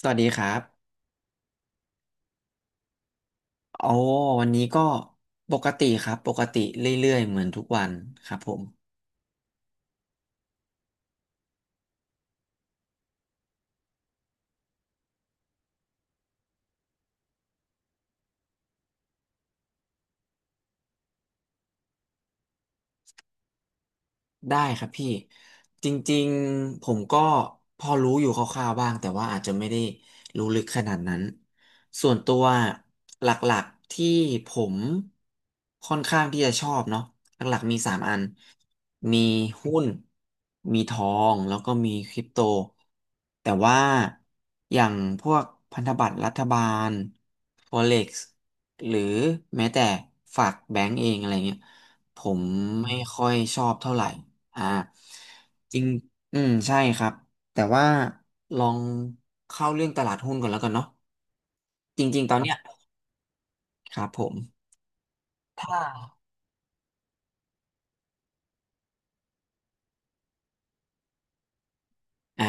สวัสดีครับโอ้วันนี้ก็ปกติครับ ปกติเรื่อยๆเหมือนทุกวันครับผม ได้ครับพี่จริงๆผมก็พอรู้อยู่คร่าวๆบ้างแต่ว่าอาจจะไม่ได้รู้ลึกขนาดนั้นส่วนตัวหลักๆที่ผมค่อนข้างที่จะชอบเนาะหลักๆมีสามอันมีหุ้นมีทองแล้วก็มีคริปโตแต่ว่าอย่างพวกพันธบัตรรัฐบาล Forex หรือแม้แต่ฝากแบงก์เองอะไรเงี้ยผมไม่ค่อยชอบเท่าไหร่ อ่าจริงอืมใช่ครับแต่ว่าลองเข้าเรื่องตลาดหุ้นก่อนแล้วกันเนาะจริงๆตอนเนี้ยครับผม อ่า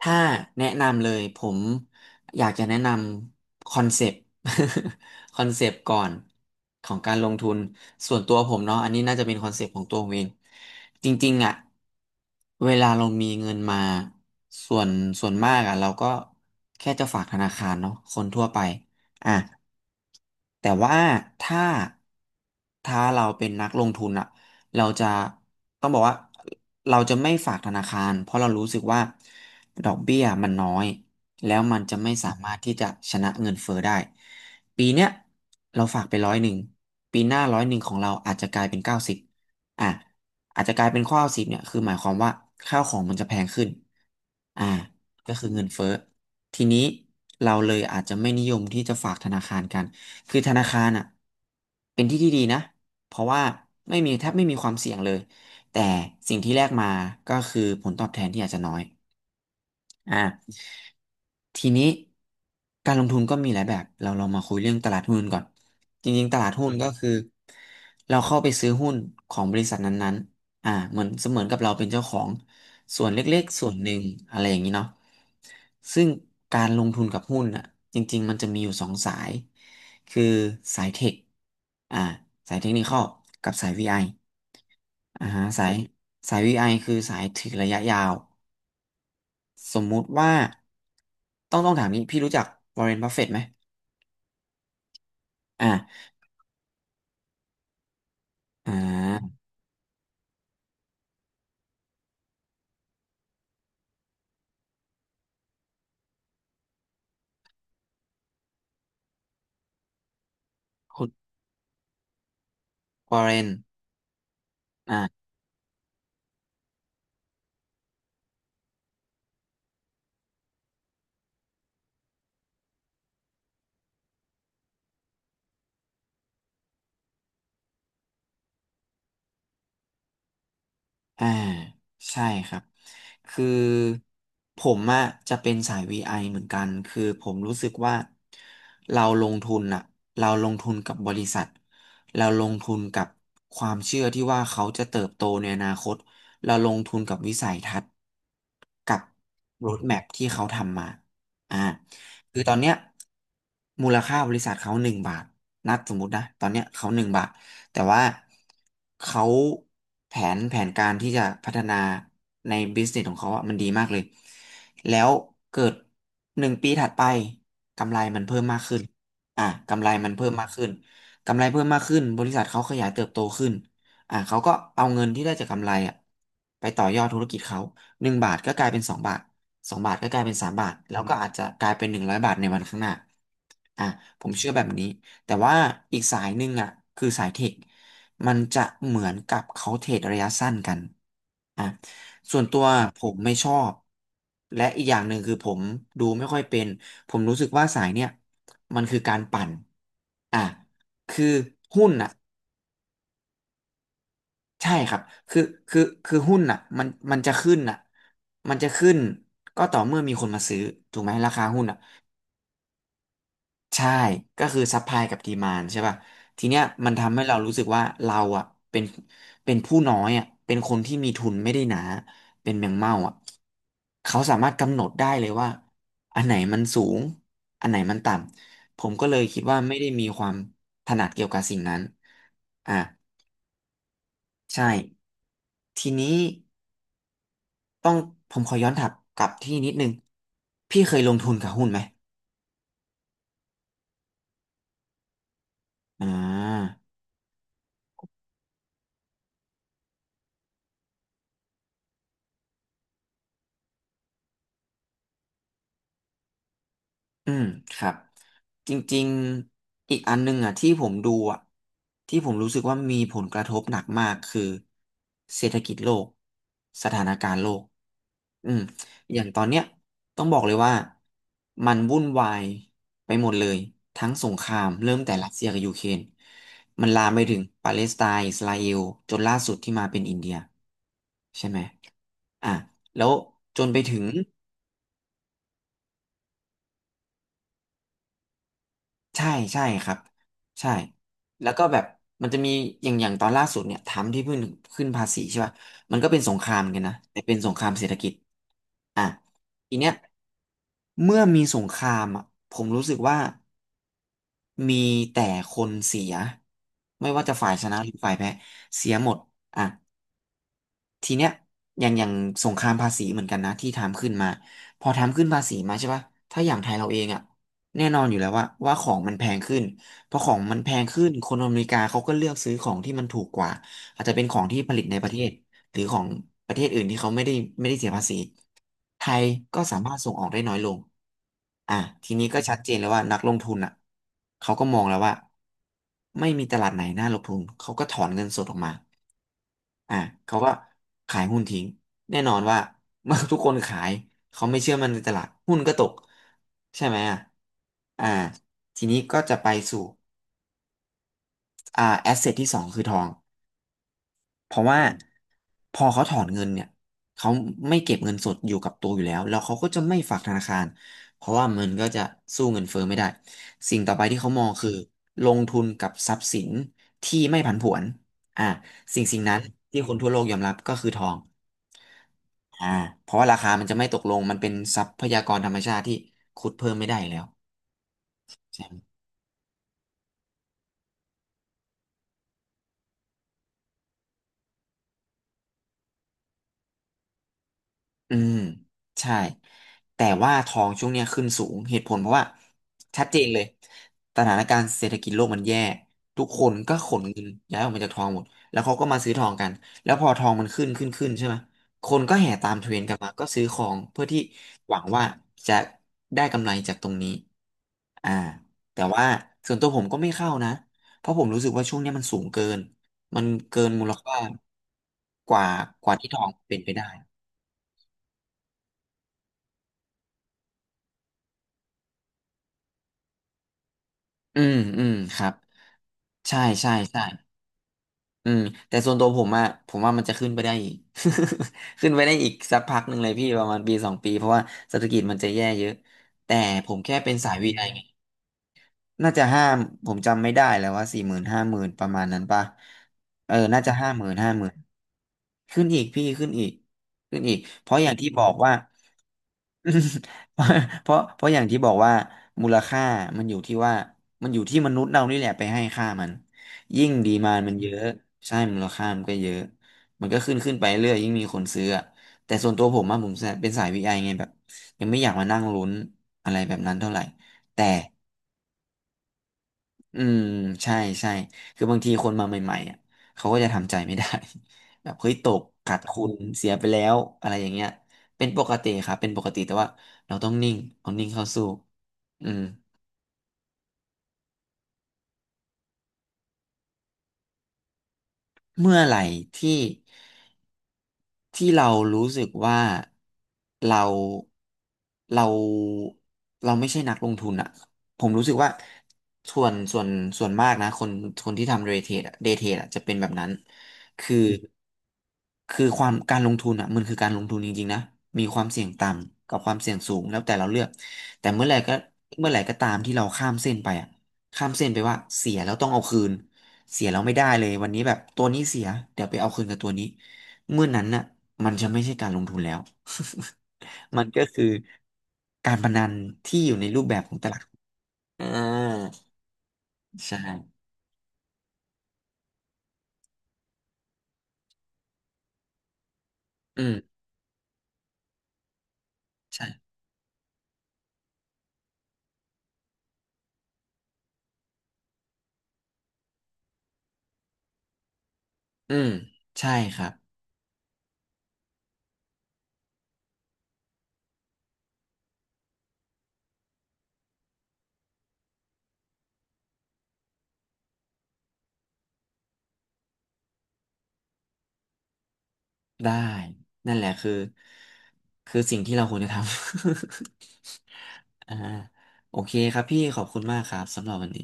ถ้าแนะนำเลยผมอยากจะแนะนำคอนเซปต์ คอนเซปต์ก่อนของการลงทุนส่วนตัวผมเนาะอันนี้น่าจะเป็นคอนเซปต์ของตัวผมเองจริงๆอ่ะเวลาเรามีเงินมาส่วนส่วนมากอ่ะเราก็แค่จะฝากธนาคารเนาะคนทั่วไปอ่ะแต่ว่าถ้าถ้าเราเป็นนักลงทุนอะ เราจะต้องบอกว่าเราจะไม่ฝากธนาคารเพราะเรารู้สึกว่าดอกเบี้ยมันน้อยแล้วมันจะไม่สามารถที่จะชนะเงินเฟ้อได้ปีเนี้ยเราฝากไปร้อยหนึ่งปีหน้าร้อยหนึ่งของเราอาจจะกลายเป็นเก้าสิบอ่ะอาจจะกลายเป็นข้อสิบเนี่ยคือหมายความว่าข้าวของมันจะแพงขึ้นอ่าก็คือเงินเฟ้อทีนี้เราเลยอาจจะไม่นิยมที่จะฝากธนาคารกันคือธนาคารอ่ะเป็นที่ที่ดีนะ เพราะว่าไม่มีแทบไม่มีความเสี่ยงเลยแต่สิ่งที่แลกมาก็คือผลตอบแทนที่อาจจะน้อย อ่าทีนี้การลงทุนก็มีหลายแบบเราลองมาคุยเรื่องตลาดหุ้นก่อนจริงๆตลาดหุ้นก็คือเราเข้าไปซื้อหุ้นของบริษัทนั้นๆอ่าเหมือนเสมือนกับเราเป็นเจ้าของส่วนเล็กๆส่วนหนึ่งอะไรอย่างนี้เนาะซึ่งการลงทุนกับหุ้นอ่ะจริงๆมันจะมีอยู่สองสายคือสายเทคอ่าสายเทคนิคอลกับสาย VI ออ่าฮะสาย VI คือสายถือระยะยาว สมมุติว่าต้องถามนี้พี่รู้จักวอร์เรนบัฟเฟตต์ไหมอ่าอ่าคุณวอร์เรนอ่ะ อ่าใช่ครับคือผมอะจะเป็นสายวีไอเหมือนกันคือผมรู้สึกว่าเราลงทุนอะเราลงทุนกับบริษัทเราลงทุนกับความเชื่อที่ว่าเขาจะเติบโตในอนาคตเราลงทุนกับวิสัยทัศน์กับโรดแมพที่เขาทำมาอ่าคือตอนเนี้ยมูลค่าบริษัทเขาหนึ่งบาทนัดสมมตินะตอนเนี้ยเขาหนึ่งบาท แต่ว่าเขาแผนการที่จะพัฒนาในบิสเนสของเขาอะมันดีมากเลยแล้วเกิดหนึ่งปีถัดไปกำไรมันเพิ่มมากขึ้นอ่ะกำไรมันเพิ่มมากขึ้นกำไรเพิ่มมากขึ้นบริษัทเขาขยายเติบโตขึ้นอ่ะเขาก็เอาเงินที่ได้จากกำไรอ่ะไปต่อยอดธุรกิจเขาหนึ่งบาทก็กลายเป็นสองบาทสองบาทก็กลายเป็นสามบาทแล้วก็อาจจะกลายเป็นหนึ่งร้อยบาทในวันข้างหน้าอ่ะผมเชื่อแบบนี้ แต่ว่าอีกสายหนึ่งอ่ะคือสายเทคมันจะเหมือนกับเขาเทรดระยะสั้นกันอ่ะส่วนตัวคผมไม่ชอบและอีกอย่างหนึ่งคือผมดูไม่ค่อยเป็นผมรู้สึกว่าสายเนี่ยมันคือการปั่นอ่ะคือหุ้นอ่ะใช่ครับคือคือหุ้นอ่ะมันจะขึ้นอ่ะมันจะขึ้นก็ต่อเมื่อมีคนมาซื้อถูกไหมราคาหุ้นอ่ะ ใช่ก็คือซัพพลายกับดีมานใช่ป่ะทีเนี้ยมันทำให้เรารู้สึกว่าเราอ่ะเป็นเป็นผู้น้อยอ่ะเป็นคนที่มีทุนไม่ได้หนาเป็นแมงเม่าอ่ะเขาสามารถกำหนดได้เลยว่าอันไหนมันสูงอันไหนมันต่ำผมก็เลยคิดว่าไม่ได้มีความถนัดเกี่ยวกับสิ่งนั้นอ่ะใช่ทีนี้ต้องผมขอย้อนถับกลับที่นิดนึงพี่เคยลงทุนกับหุ้นไหมอ่า อืมครับจริงๆอีกอันหนึงอ่ะที่ผมดูอ่ะที่ผมรู้สึกว่ามีผลกระทบหนักมากคือเศรษฐกิจโลกสถานการณ์โลกอืมอย่างตอนเนี้ยต้องบอกเลยว่ามันวุ่นวายไปหมดเลยทั้งสงครามเริ่มแต่รัสเซียกับยูเครนมันลามไปถึงปาเลสไตน์อิสราเอลจนล่าสุดที่มาเป็นอินเดียใช่ไหมอ่ะแล้วจนไปถึง ใช่ใช่ครับใช่แล้วก็แบบมันจะมีอย่างตอนล่าสุดเนี่ยทำที่เพิ่งขึ้นภาษีใช่ป่ะมันก็เป็นสงครามเหมือนกันนะแต่เป็นสงครามเศรษฐกิจอ่ะทีเนี้ยเมื่อมีสงครามอ่ะผมรู้สึกว่ามีแต่คนเสียไม่ว่าจะฝ่ายชนะหรือฝ่ายแพ้เสียหมดอ่ะ ทีเนี้ยอย่างสงครามภาษีเหมือนกันนะที่ถามขึ้นมาพอทำขึ้นภาษีมาใช่ปะถ้าอย่างไทยเราเองอ่ะแน่นอนอยู่แล้วว่าของมันแพงขึ้นพอของมันแพงขึ้นคนอเมริกาเขาก็เลือกซื้อของที่มันถูกกว่าอาจจะเป็นของที่ผลิตในประเทศหรือของประเทศอื่นที่เขาไม่ได้เสียภาษีไทยก็สามารถส่งออกได้น้อยลงอ่ะทีนี้ก็ชัดเจนแล้วว่านักลงทุนอ่ะเขาก็มองแล้วว่าไม่มีตลาดไหนน่าลงทุนเขาก็ถอนเงินสดออกมา อ่ะเขาก็ขายหุ้นทิ้งแน่นอนว่า เมื่อทุกคนขายเขาไม่เชื่อมันในตลาดหุ้นก็ตกใช่ไหมอ่ะอ่าทีนี้ก็จะไปสู่แอสเซทที่สองคือทองเพราะว่าพอเขาถอนเงินเนี่ยเขาไม่เก็บเงินสดอยู่กับตัวอยู่แล้วแล้วเขาก็จะไม่ฝากธนาคารเพราะว่ามันก็จะสู้เงินเฟ้อไม่ได้สิ่งต่อไปที่เขามองคือลงทุนกับทรัพย์สินที่ไม่ผันผวนอ่าสิ่งนั้นที่คนทั่วโลกยอมรับก็คือทอง อ่าเพราะว่าราคามันจะไม่ตกลง มันเป็นทรัพยากรธรรมชาติที่ขุดเพิ่มไม่ได้อยู่แล้ว อืมใช่แต่ว่าทองช่วงเนี้ยขึ้นสูงเหตุผลเพราะว่าชัดเจนเลยสถานการณ์เศรษฐกิจโลกมันแย่ทุกคนก็ขนเงินย้ายออกมาจากทองหมดแล้วเขาก็มาซื้อทองกันแล้วพอทองมันขึ้นใช่ไหมคนก็แห่ตามเทรนด์กันมาก็ซื้อของเพื่อที่หวังว่าจะได้กำไรจากตรงนี้อ่าแต่ว่าส่วนตัวผมก็ไม่เข้านะเพราะผมรู้สึกว่าช่วงเนี้ยมันสูงเกินมันเกินมูลค่ากว่ากว่าที่ทองเป็นไปได้ อืมครับใช่อืมแต่ส่วนตัวผมอะผมว่ามันจะขึ้นไปได้อีก ขึ้นไปได้อีกสักพักหนึ่งเลยพี่ประมาณปีสองปีเพราะว่าเศรษฐกิจมันจะแย่เยอะแต่ผมแค่เป็นสายวีไอไงน่าจะห้ามผมจำไม่ได้แล้วว่าสี่หมื่นห้าหมื่นประมาณนั้นป่ะเออน่าจะห้าหมื่นขึ้นอีกพี่ขึ้นอีกเพราะอย่างที่บอกว่า อืม เพราะอย่างที่บอกว่ามูลค่ามันอยู่ที่ว่ามันอยู่ที่มนุษย์เรานี่แหละไปให้ค่ามันยิ่งดีมานมันเยอะใช่มูลค่ามันก็เยอะมันก็ขึ้นไปเรื่อยยิ่งมีคนซื้ออะแต่ส่วนตัวผมอะผมเป็นสายวีไอไงแบบยังไม่อยากมานั่งลุ้นอะไรแบบนั้นเท่าไหร่แต่ อืมใช่ใช่คือบางทีคนมาใหม่ๆอ่ะเขาก็จะทำใจไม่ได้ แบบเฮ้ยตกขาดทุนเสียไปแล้วอะไรอย่างเงี้ยเป็นปกติครับเป็นปกติแต่ว่าเราต้องนิ่งเอานิ่งเข้าสู้อืมเมื่อไหร่ที่ ที่เรารู้สึกว่าเราเราเราไม่ใช่นักลงทุนอะผมรู้สึกว่าส่วนส่วนส่วนมากนะคนคนที่ทำเดย์เทรดอะเดย์เทรดอะจะเป็นแบบนั้นคือคือความการลงทุนอ่ะมันคือการลงทุนจริงๆนะมีความเสี่ยงต่ำกับความเสี่ยงสูงแล้วแต่เราเลือกแต่เมื่อไหร่ก็เมื่อไหร่ก็ตามที่เราข้ามเส้นไปอ่ะข้ามเส้นไปว่าเสียแล้วต้องเอาคืนเสียแล้วไม่ได้เลยวันนี้แบบตัวนี้เสียเดี๋ยวไปเอาคืนกับตัวนี้ เมื่อนั้นน่ะมันจะไม่ใช่การลงทุนแล้ว มันก็คือการพนันที่อยู่ในรูปแบบของตลาดหุ้นอ่าใช่อืมใช่อืมใช่ครับได้นั่นแหละคือสิ่งที่เราควรจะทำ อ่าโอเคครับพี่ขอบคุณมากครับสำหรับวันนี้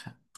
ครับ